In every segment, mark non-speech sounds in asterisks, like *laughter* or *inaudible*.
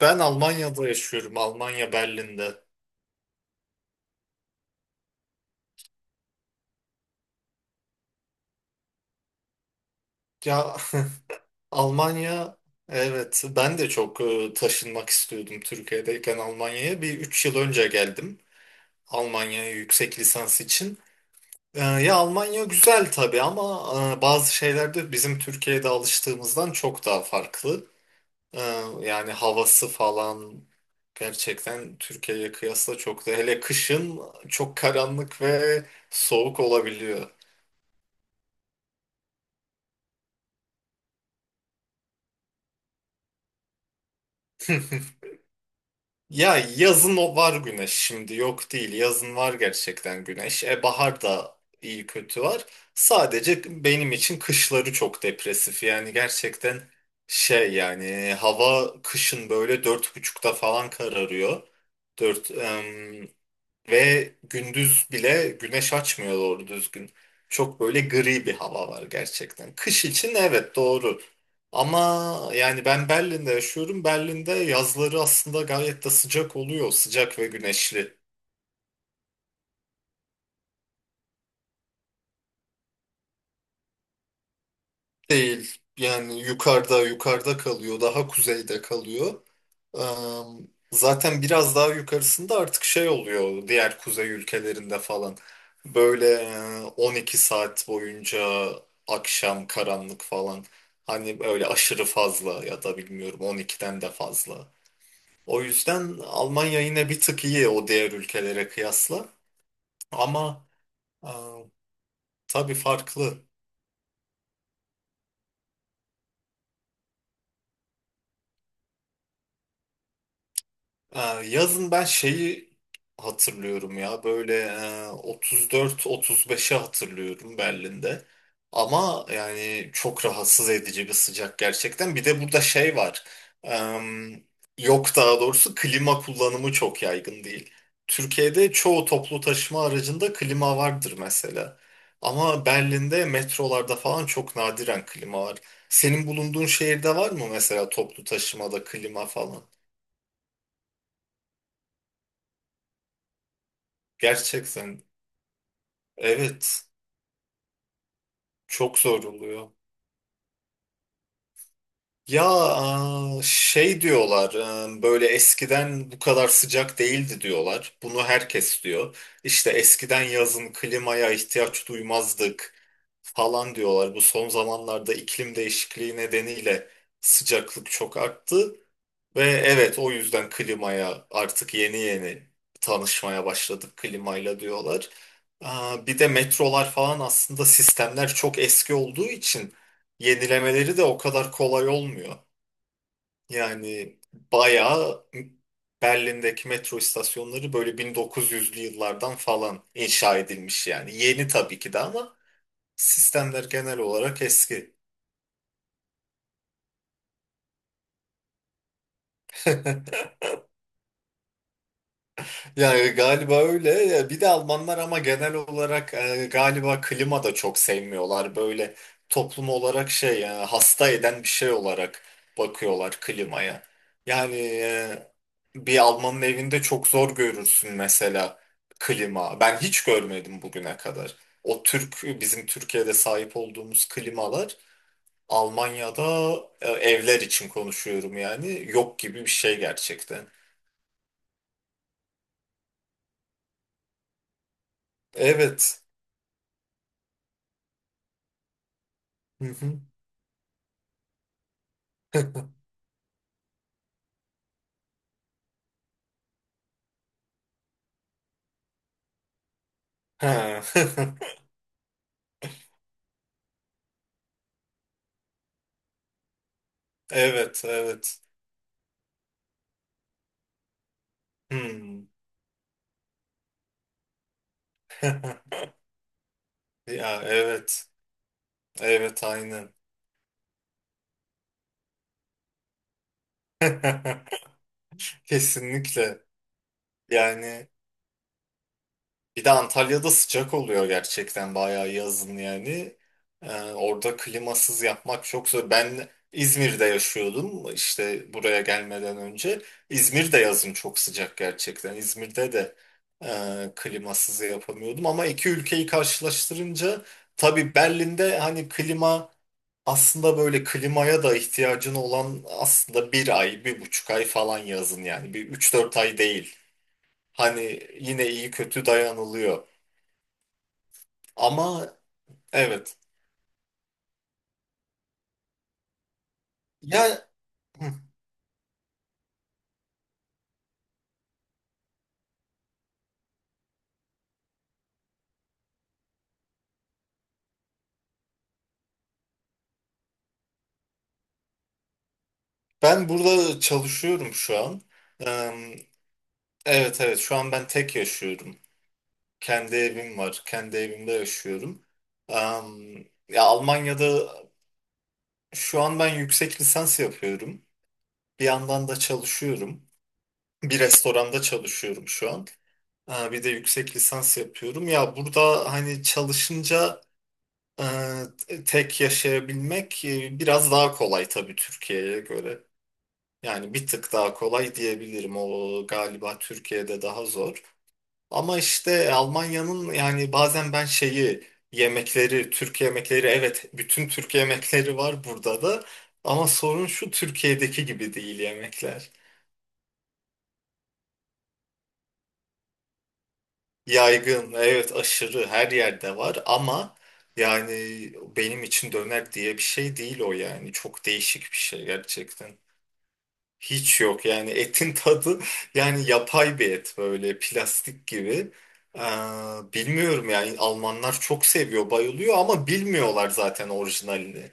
Ben Almanya'da yaşıyorum. Almanya Berlin'de. Ya *laughs* Almanya, evet ben de çok taşınmak istiyordum Türkiye'deyken Almanya'ya. Üç yıl önce geldim Almanya'ya yüksek lisans için. Ya Almanya güzel tabii ama bazı şeyler de bizim Türkiye'de alıştığımızdan çok daha farklı. E, Yani havası falan gerçekten Türkiye'ye kıyasla çok da, hele kışın, çok karanlık ve soğuk olabiliyor. *laughs* Ya yazın o var, güneş şimdi yok değil. Yazın var gerçekten güneş. E bahar da iyi kötü var. Sadece benim için kışları çok depresif. Yani gerçekten şey, yani hava kışın böyle 4.30'da falan kararıyor. 4. Ve gündüz bile güneş açmıyor doğru düzgün. Çok böyle gri bir hava var gerçekten. Kış için evet, doğru. Ama yani ben Berlin'de yaşıyorum. Berlin'de yazları aslında gayet de sıcak oluyor. Sıcak ve güneşli. Değil. Yani yukarıda kalıyor. Daha kuzeyde kalıyor. Eee, Zaten biraz daha yukarısında artık şey oluyor, diğer kuzey ülkelerinde falan. Böyle 12 saat boyunca akşam karanlık falan. Hani öyle aşırı fazla, ya da bilmiyorum, 12'den de fazla. O yüzden Almanya yine bir tık iyi o diğer ülkelere kıyasla. Ama eee tabii farklı. Ee, Yazın ben şeyi hatırlıyorum ya, böyle 34-35'i hatırlıyorum Berlin'de. Ama yani çok rahatsız edici bir sıcak gerçekten. Bir de burada şey var. Em, Yok, daha doğrusu klima kullanımı çok yaygın değil. Türkiye'de çoğu toplu taşıma aracında klima vardır mesela. Ama Berlin'de metrolarda falan çok nadiren klima var. Senin bulunduğun şehirde var mı mesela, toplu taşımada klima falan? Gerçekten. Evet, çok zor oluyor. Ya şey diyorlar, böyle eskiden bu kadar sıcak değildi diyorlar. Bunu herkes diyor. İşte eskiden yazın klimaya ihtiyaç duymazdık falan diyorlar. Bu son zamanlarda iklim değişikliği nedeniyle sıcaklık çok arttı. Ve evet, o yüzden klimaya artık yeni yeni tanışmaya başladık klimayla diyorlar. Bir de metrolar falan, aslında sistemler çok eski olduğu için yenilemeleri de o kadar kolay olmuyor. Yani bayağı Berlin'deki metro istasyonları böyle 1900'lü yıllardan falan inşa edilmiş yani. Yeni tabii ki de ama sistemler genel olarak eski. *laughs* Ya galiba öyle. Ya bir de Almanlar ama genel olarak galiba klima da çok sevmiyorlar. Böyle toplum olarak şey, ya hasta eden bir şey olarak bakıyorlar klimaya. Yani bir Almanın evinde çok zor görürsün mesela klima. Ben hiç görmedim bugüne kadar. O Türk, bizim Türkiye'de sahip olduğumuz klimalar Almanya'da, evler için konuşuyorum yani, yok gibi bir şey gerçekten. Evet. Hı hı. *laughs* Ha. *laughs* Evet, evet. Hmm. *laughs* Ya evet. Evet, aynen. *laughs* Kesinlikle. Yani bir de Antalya'da sıcak oluyor gerçekten bayağı yazın yani. Orada klimasız yapmak çok zor. Ben İzmir'de yaşıyordum işte buraya gelmeden önce. İzmir'de yazın çok sıcak gerçekten. İzmir'de de klimasız yapamıyordum, ama iki ülkeyi karşılaştırınca tabii Berlin'de hani klima, aslında böyle klimaya da ihtiyacın olan aslında bir ay, bir buçuk ay falan yazın yani. Bir üç dört ay değil. Hani yine iyi kötü dayanılıyor. Ama evet. Ya hı, ben burada çalışıyorum şu an. Eee, evet evet, şu an ben tek yaşıyorum. Kendi evim var. Kendi evimde yaşıyorum. Eee, Ya Almanya'da şu an ben yüksek lisans yapıyorum. Bir yandan da çalışıyorum. Bir restoranda çalışıyorum şu an. Bir de yüksek lisans yapıyorum. Ya burada hani çalışınca e, tek yaşayabilmek biraz daha kolay tabii Türkiye'ye göre. Yani bir tık daha kolay diyebilirim. O galiba Türkiye'de daha zor. Ama işte Almanya'nın, yani bazen ben şeyi, yemekleri, Türk yemekleri, evet bütün Türk yemekleri var burada da. Ama sorun şu, Türkiye'deki gibi değil yemekler. Yaygın, evet aşırı her yerde var ama yani benim için döner diye bir şey değil o yani. Çok değişik bir şey gerçekten. Hiç yok yani, etin tadı *laughs* yani yapay bir et, böyle plastik gibi. Ee, Bilmiyorum yani, Almanlar çok seviyor, bayılıyor ama bilmiyorlar zaten orijinalini.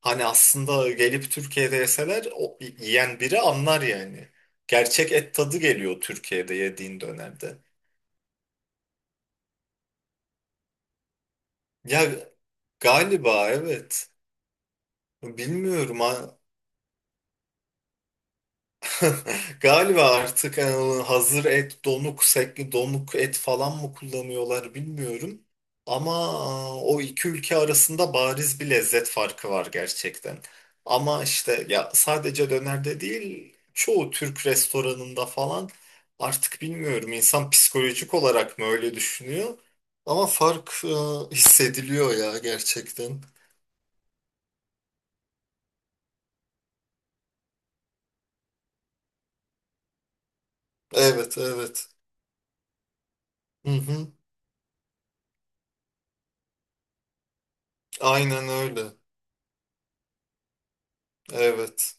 Hani aslında gelip Türkiye'de yeseler o, yiyen biri anlar yani. Gerçek et tadı geliyor Türkiye'de yediğin dönerde. Ya galiba evet. Bilmiyorum. Ha. *laughs* Galiba artık hazır et, donuk, sekli, donuk et falan mı kullanıyorlar bilmiyorum. Ama o iki ülke arasında bariz bir lezzet farkı var gerçekten. Ama işte ya sadece dönerde değil, çoğu Türk restoranında falan, artık bilmiyorum, insan psikolojik olarak mı öyle düşünüyor? Ama fark hissediliyor ya gerçekten. Evet, evet. Hı hı. Aynen öyle. Evet.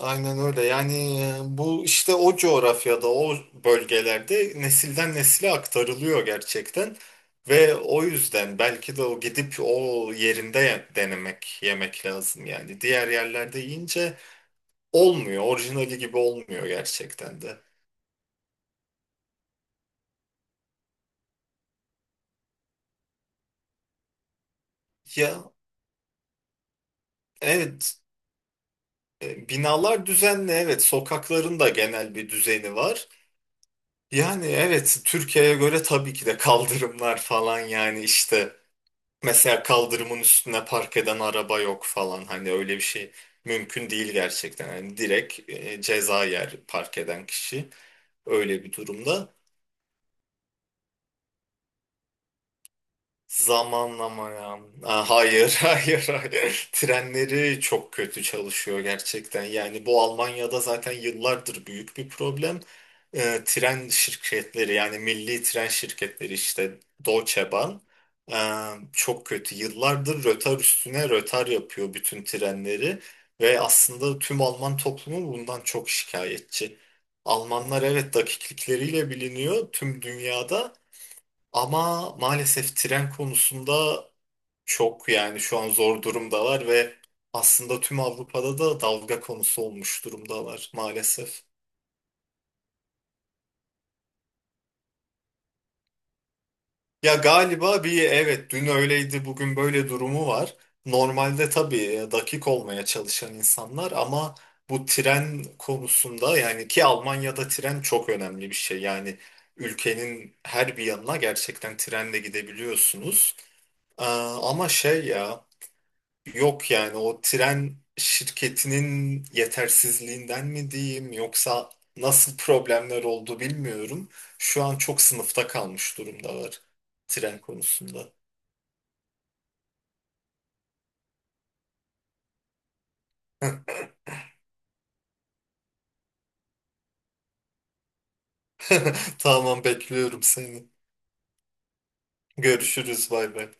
Aynen öyle. Yani bu işte o coğrafyada, o bölgelerde nesilden nesile aktarılıyor gerçekten. Ve o yüzden belki de o gidip o yerinde denemek, yemek lazım yani. Diğer yerlerde yiyince olmuyor, orijinali gibi olmuyor gerçekten de. Ya evet, binalar düzenli, evet, sokakların da genel bir düzeni var. Yani evet, Türkiye'ye göre tabii ki de kaldırımlar falan yani işte. Mesela kaldırımın üstüne park eden araba yok falan. Hani öyle bir şey mümkün değil gerçekten. Yani direkt ceza yer park eden kişi öyle bir durumda. Zamanlama ya. Hayır, *laughs* hayır, hayır. Trenleri çok kötü çalışıyor gerçekten. Yani bu Almanya'da zaten yıllardır büyük bir problem. Tren şirketleri, yani milli tren şirketleri, işte Deutsche Bahn, ee, çok kötü. Yıllardır rötar üstüne rötar yapıyor bütün trenleri ve aslında tüm Alman toplumu bundan çok şikayetçi. Almanlar evet dakiklikleriyle biliniyor tüm dünyada ama maalesef tren konusunda çok, yani şu an zor durumdalar ve aslında tüm Avrupa'da da dalga konusu olmuş durumdalar maalesef. Ya galiba bir, evet, dün öyleydi bugün böyle durumu var. Normalde tabii dakik olmaya çalışan insanlar ama bu tren konusunda, yani ki Almanya'da tren çok önemli bir şey. Yani ülkenin her bir yanına gerçekten trenle gidebiliyorsunuz. Ama şey ya, yok yani, o tren şirketinin yetersizliğinden mi diyeyim yoksa nasıl problemler oldu bilmiyorum. Şu an çok sınıfta kalmış durumdalar tren konusunda. *laughs* Tamam, bekliyorum seni. Görüşürüz, bay bay.